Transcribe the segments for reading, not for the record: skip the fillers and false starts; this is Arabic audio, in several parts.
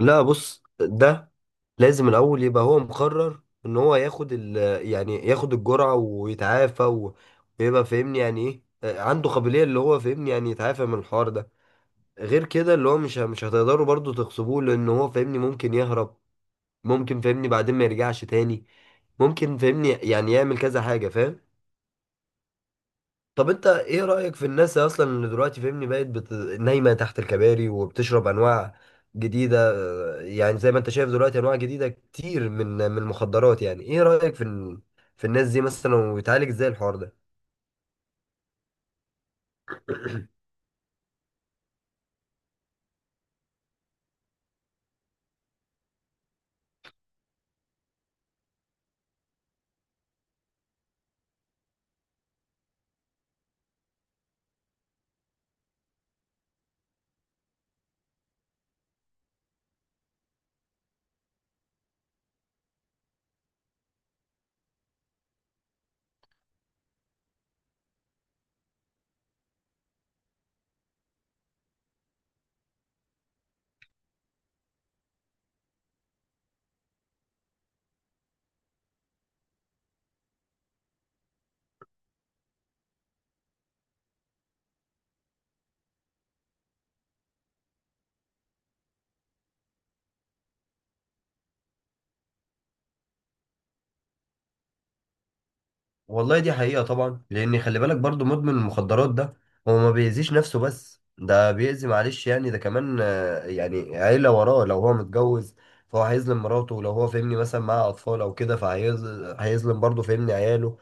لا، بص ده لازم الاول يبقى هو مقرر ان هو ياخد يعني ياخد الجرعه ويتعافى ويبقى فاهمني يعني ايه. عنده قابليه اللي هو فاهمني يعني يتعافى من الحوار ده. غير كده اللي هو مش هتقدروا برضو تغصبوه، لان هو فاهمني ممكن يهرب، ممكن فاهمني بعدين ما يرجعش تاني، ممكن فاهمني يعني يعمل كذا حاجه، فاهم؟ طب انت ايه رأيك في الناس اصلا اللي دلوقتي فاهمني بقت نايمة تحت الكباري وبتشرب انواع جديدة؟ يعني زي ما انت شايف دلوقتي انواع جديدة كتير من المخدرات، يعني ايه رأيك في الناس دي مثلا، ويتعالج ازاي الحوار ده؟ والله دي حقيقة طبعا. لأن خلي بالك برضو، مدمن المخدرات ده هو ما بيأذيش نفسه، بس ده بيأذي، معلش يعني، ده كمان، يعني عيلة وراه لو هو متجوز، فهو هيظلم مراته، لو هو فاهمني مثلا معاه أطفال أو كده فهيظلم، برضو فاهمني عياله.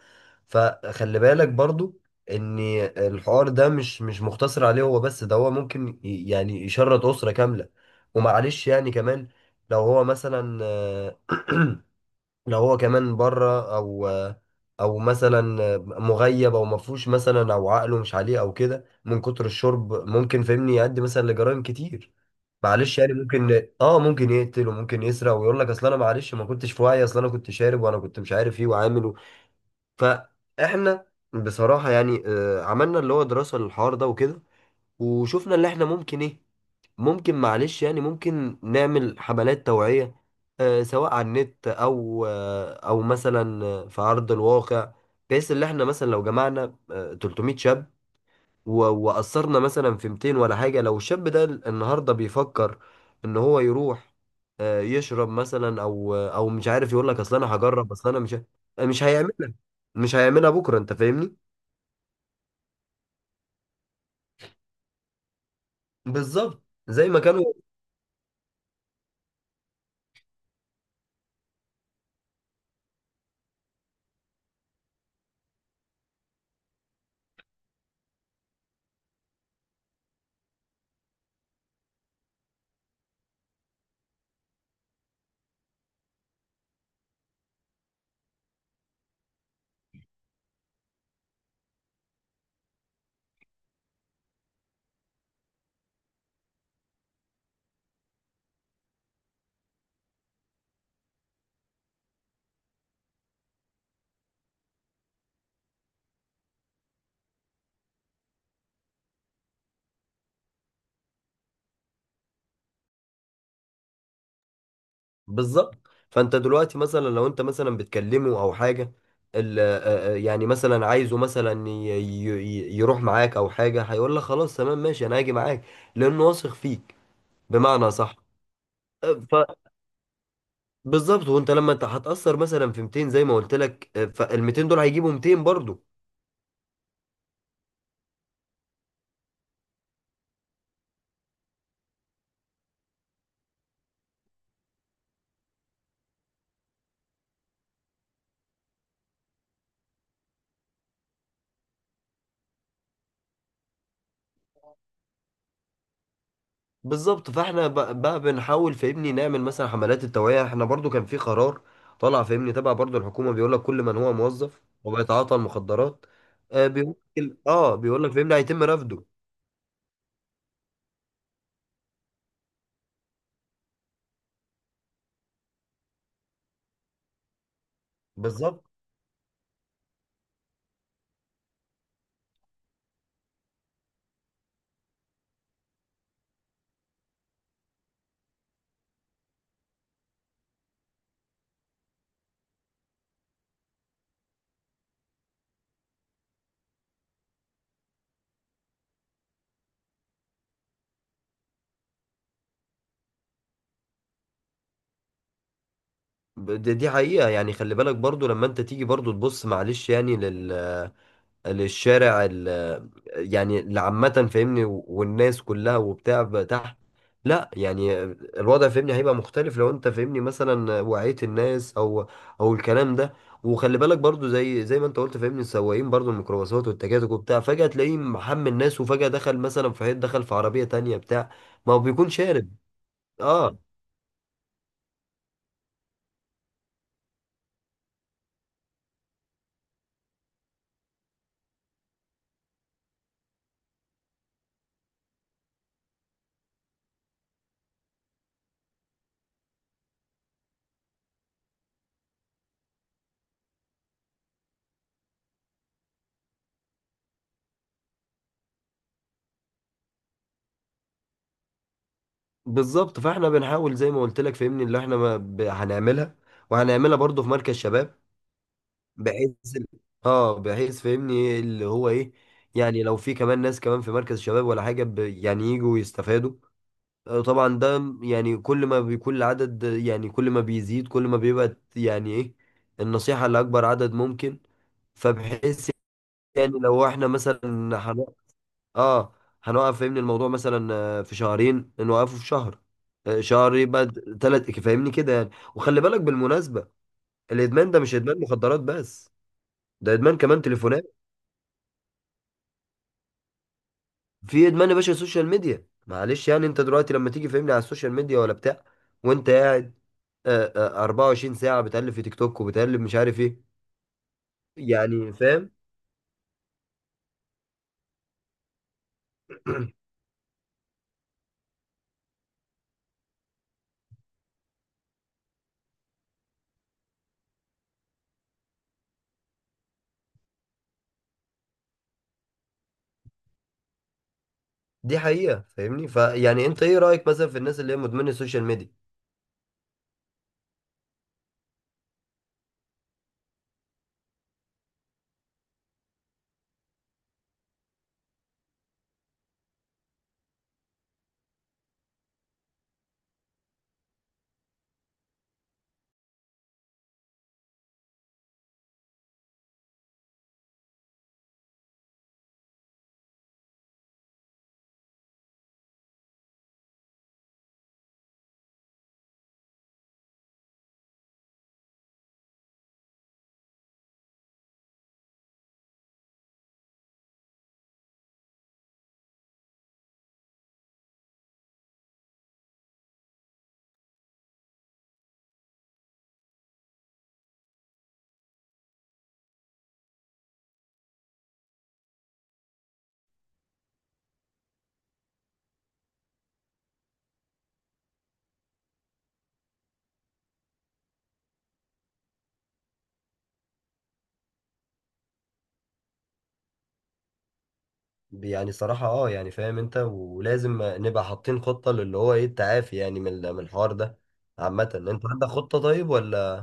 فخلي بالك برضو إن الحوار ده مش مقتصر عليه هو بس، ده هو ممكن يعني يشرد أسرة كاملة. ومعلش يعني كمان، لو هو مثلا لو هو كمان بره او مثلا مغيب، او مفهوش مثلا، او عقله مش عليه او كده من كتر الشرب، ممكن فاهمني يؤدي مثلا لجرائم كتير. معلش يعني، ممكن يقتل وممكن يسرق، ويقول لك اصل انا معلش ما كنتش في وعي، اصل انا كنت شارب وانا كنت مش عارف ايه وعامل فاحنا بصراحة يعني، عملنا اللي هو دراسة للحوار ده وكده. وشفنا اللي احنا ممكن ايه، ممكن، معلش يعني، ممكن نعمل حملات توعية، سواء على النت أو، أو مثلا في أرض الواقع. بحيث إن إحنا مثلا لو جمعنا 300 شاب، وأثرنا مثلا في 200 ولا حاجة، لو الشاب ده النهاردة بيفكر إن هو يروح يشرب مثلا، أو مش عارف، يقول لك أصل أنا هجرب، أصل أنا مش هيعملها، مش هيعملها بكرة، أنت فاهمني؟ بالظبط زي ما كانوا. بالظبط، فانت دلوقتي مثلا لو انت مثلا بتكلمه او حاجه، يعني مثلا عايزه مثلا يروح معاك او حاجه، هيقول لك خلاص تمام ماشي انا هاجي معاك، لانه واثق فيك، بمعنى صح؟ فبالظبط، وانت لما انت هتاثر مثلا في 200 زي ما قلت لك، فال 200 دول هيجيبوا 200 برضو. بالظبط، فاحنا بقى بنحاول فاهمني نعمل مثلا حملات التوعية. احنا برضو كان في قرار طلع فاهمني تبع برضو الحكومة، بيقول لك كل من هو موظف وبيتعاطى المخدرات، آه بيقول اه بيقول لك فاهمني هيتم رفضه. بالظبط. دي حقيقة يعني. خلي بالك برضو لما انت تيجي برضو تبص، معلش يعني، للشارع يعني اللي عامة فاهمني والناس كلها وبتاع بقى تحت، لا يعني، الوضع فاهمني هيبقى مختلف لو انت فاهمني مثلا وعيت الناس او الكلام ده. وخلي بالك برضو، زي ما انت قلت فاهمني، السواقين برضو الميكروباصات والتكاتك وبتاع، فجأة تلاقيه محمل الناس وفجأة دخل مثلا في حيط، دخل في عربية تانية بتاع، ما هو بيكون شارب. اه بالظبط، فاحنا بنحاول زي ما قلت لك فاهمني اللي احنا ما ب- هنعملها، وهنعملها برضو في مركز شباب، بحيث، اه بحيث فاهمني إيه اللي هو ايه، يعني لو في كمان ناس كمان في مركز شباب ولا حاجة، يعني يجوا يستفادوا. طبعا ده يعني كل ما بيكون العدد، يعني كل ما بيزيد كل ما بيبقى يعني ايه، النصيحة لأكبر عدد ممكن. فبحيث يعني لو احنا مثلا هن... اه هنوقف فاهمني الموضوع، مثلا في شهرين نوقفه في شهر، شهر يبقى ثلاث فاهمني كده يعني. وخلي بالك بالمناسبة، الإدمان ده مش إدمان مخدرات بس، ده إدمان كمان تليفونات، في ادمان يا باشا السوشيال ميديا، معلش يعني، انت دلوقتي لما تيجي فهمني على السوشيال ميديا ولا بتاع، وانت قاعد، آه، 24 ساعة بتقلب في تيك توك وبتقلب مش عارف ايه، يعني، فاهم؟ دي حقيقة فاهمني. فيعني انت ايه رأيك مثلا في الناس اللي هي مدمنة السوشيال ميديا؟ يعني صراحة، يعني فاهم انت، ولازم نبقى حاطين خطة للي هو ايه التعافي، يعني من الحوار ده. عامة انت عندك خطة طيب ولا؟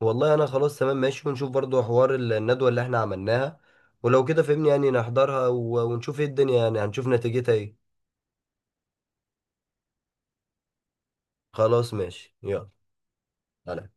والله انا خلاص تمام ماشي، ونشوف برضو حوار الندوة اللي احنا عملناها، ولو كده فهمني يعني نحضرها ونشوف ايه الدنيا، يعني هنشوف نتيجتها ايه. خلاص ماشي، يلا، سلام.